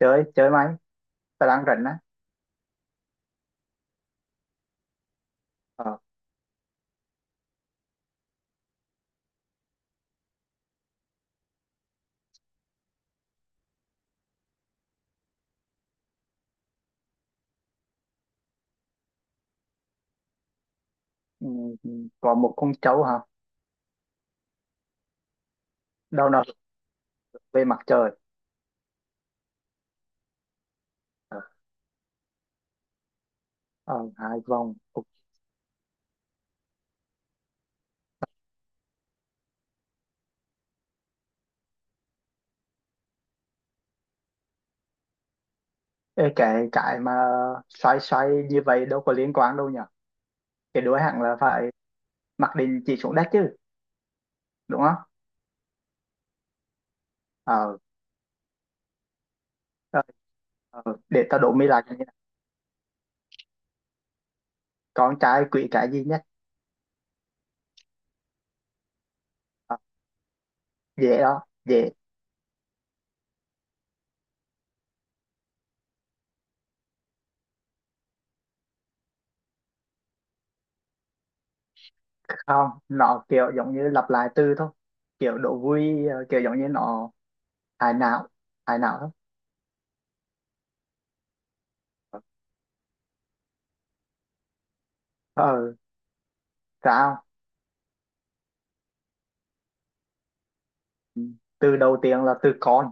Chơi chơi máy, ta đang rảnh á. ờ, ừ, ừ, có một con trâu hả? Đầu nó hướng về mặt trời. ờ, ờ, Hai vòng. Ok. Ê, cái mà xoay xoay như vậy đâu có liên quan đâu nhỉ. Cái đuôi hẳn là phải mặc định chỉ xuống đất chứ, đúng không? ờ, ờ, ờ, để tao đổ mi lại cái này. Con trai quỷ cái gì nhất? ờ, Dễ đó, dễ. Không, nó kiểu giống như lặp lại từ thôi, kiểu đổ vui, kiểu giống như nó hài não, hài não thôi. ờ Sao? Ừ, từ đầu tiên là từ con.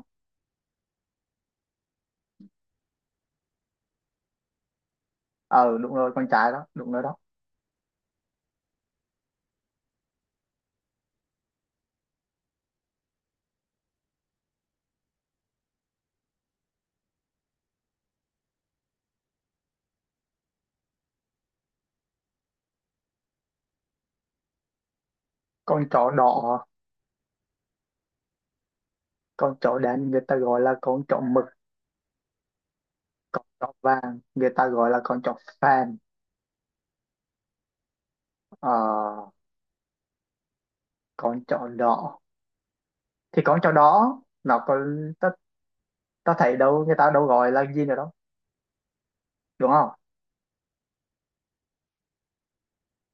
Ờ Đúng rồi, con trai đó, đúng rồi đó. Con chó đỏ. Con chó đen người ta gọi là con chó mực. Con chó vàng người ta gọi là con chó fan. ờ, con chó đỏ, thì con chó đỏ nó có, ta, ta thấy đâu, người ta đâu gọi là gì nữa đâu, đúng không?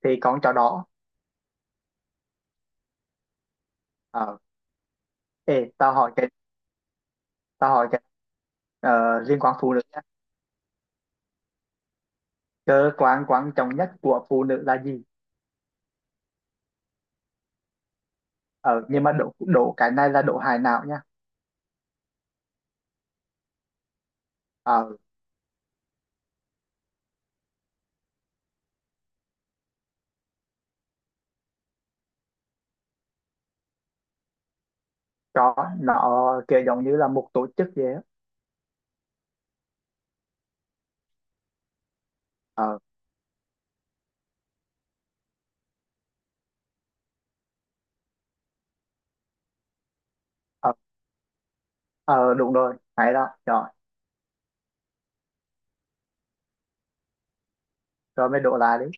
Thì con chó đỏ. ờ Ê, tao hỏi cái liên quan phụ nữ nhé. Cơ quan quan trọng nhất của phụ nữ là gì? Ờ nhưng mà độ độ cái này là độ hài não nha. ờ Chó, nó kiểu giống như là một tổ chức vậy á. ờ ờ, ờ Đúng rồi, hay đó, rồi. Rồi mới đổ lại đấy.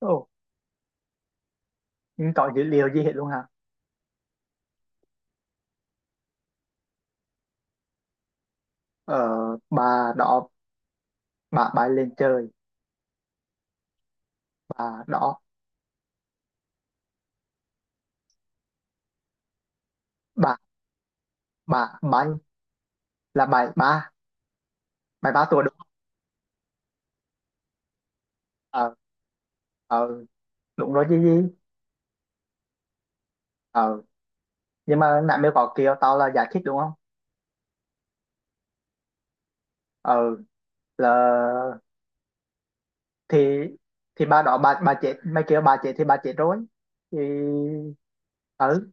Ồ, nhưng có dữ liệu gì hết luôn hả? ờ bà đó, bà bay lên trời. Bà đó, bà bà bay là bảy ba. Bảy ba tuổi đúng không? ờ ờ Đúng rồi chứ gì. ờ nhưng mà nãy mới có kêu tao là giải thích đúng không? ờ là, thì thì bà đó, bà chết, mày kêu bà chết thì bà chết rồi thì. Ừ.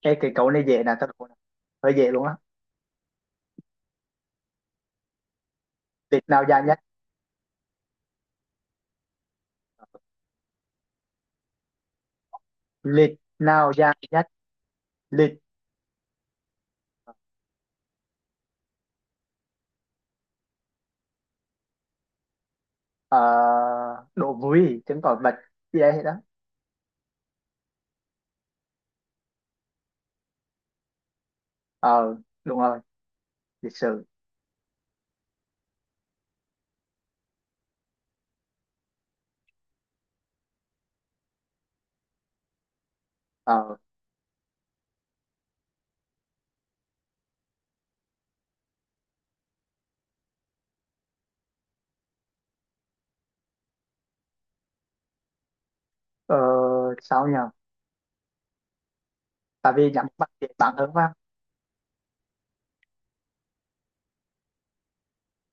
Ê, cái câu này dễ nè, tao đố nè. Hơi dễ luôn á. Lịch nào dài nhất? Lịch nào dài nhất? Lịch. Ờ, đồ vui chứng tỏi vật gì đấy đó. ờ Đúng rồi, lịch sử. ờ ờ, sao nhờ? Tại vì nhắm một mắt dễ bắn hơn phải không?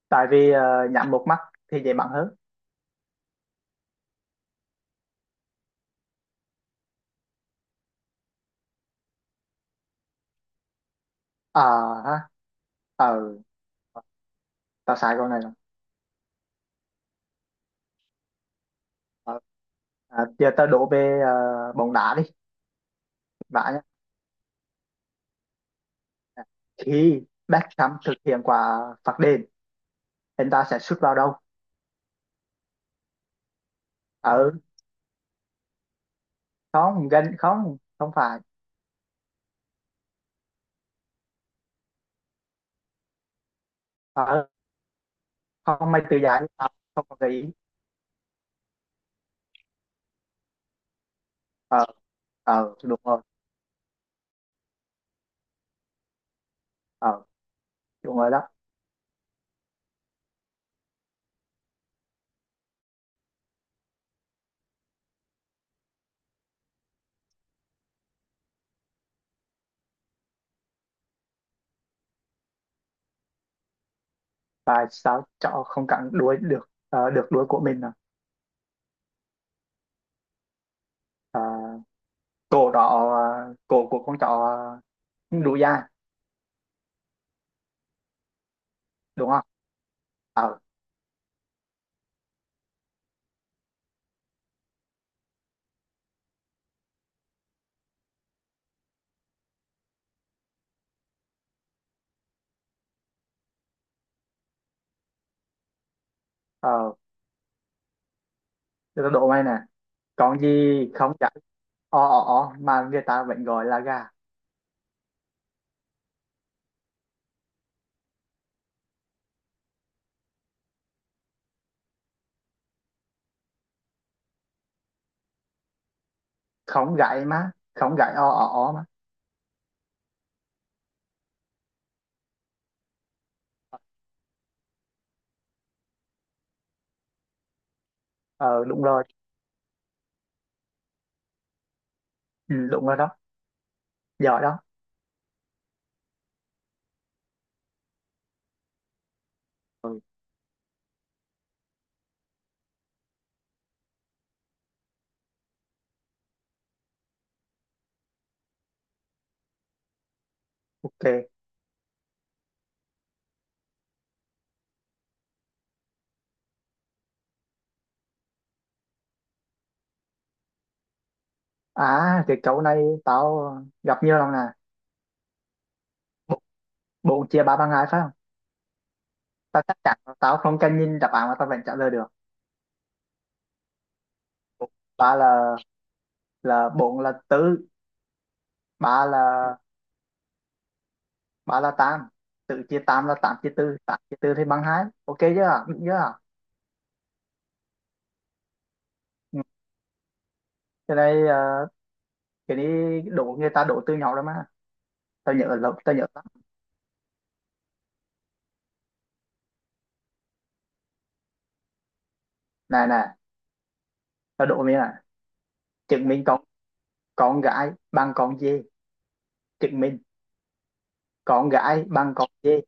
Tại vì nhắm một mắt thì dễ bắn hơn. Ờ ha ờ Tao sai câu này rồi. ờ, Giờ tao đổ về bóng đá đi. Vả nhá. Khi Beckham thực hiện quả phạt đền, anh ta sẽ sút vào đâu? ờ Không, gần không, không phải. ờ Không, mày tự giải. Ờ, Không có gợi ý. ờ ờ đúng rồi. ờ Đúng rồi đó. Và sao cháu không cắn đuôi được được đuôi của mình à? Ờ, cổ đó, cổ của con cháu không đủ dài, đúng không? ờ ờ để tao đố mày nè. Con gì không gãy o ó ó mà người ta vẫn gọi là gà? Không gãy, mà không gãy o ó ó mà. Ờ Đúng rồi. Ừ, đúng rồi đó, giỏi đó. Ừ, ok. À, cái câu này tao gặp nhiều lần nè. Bốn bốn chia ba bằng hai phải không? Tao chắc chắn là tao không cần nhìn đáp án mà tao vẫn trả lời được. Ba là bốn là tứ. Ba là ba là tám, tự chia tám, là tám chia tư, tám chia tư thì bằng hai, ok, chưa? Được chưa? Ừ. Cái này cái này đổ, người ta đổ từ nhỏ rồi mà, tao nhớ lắm, tao nhớ lắm. Này này, tao đổ mình là chứng minh con gái bằng con dê. Chứng minh con gái bằng con dê.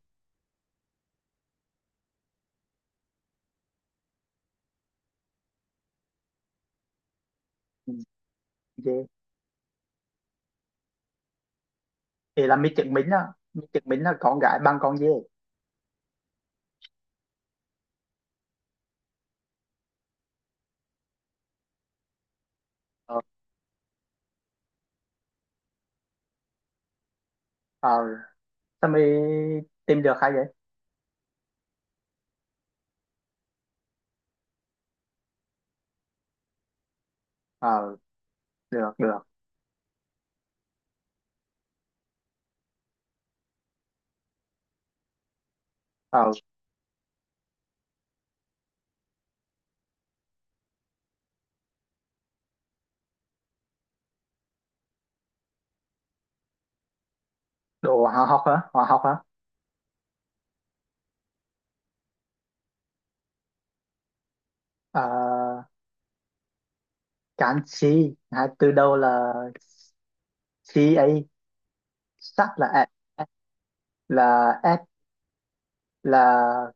Ừ, dê. Thì là mình chứng minh đó, mình chứng minh là con gái bằng con dê. ờ ờ Sao mày tìm được hay vậy? ờ Được, được. ờ Đồ hóa học hả, hóa học hả? ờ Cán chi à, từ đầu là chi ấy. Sắc là ẹ, là s, là,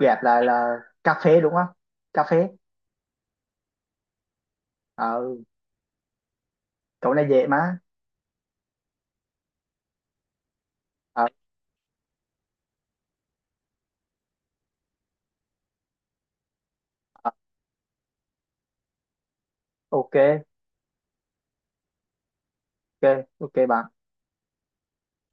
ghép lại là cà phê đúng không? Cà phê. Ờ, cậu này dễ mà. Ờ, ờ, ok. Ok. Ok bạn.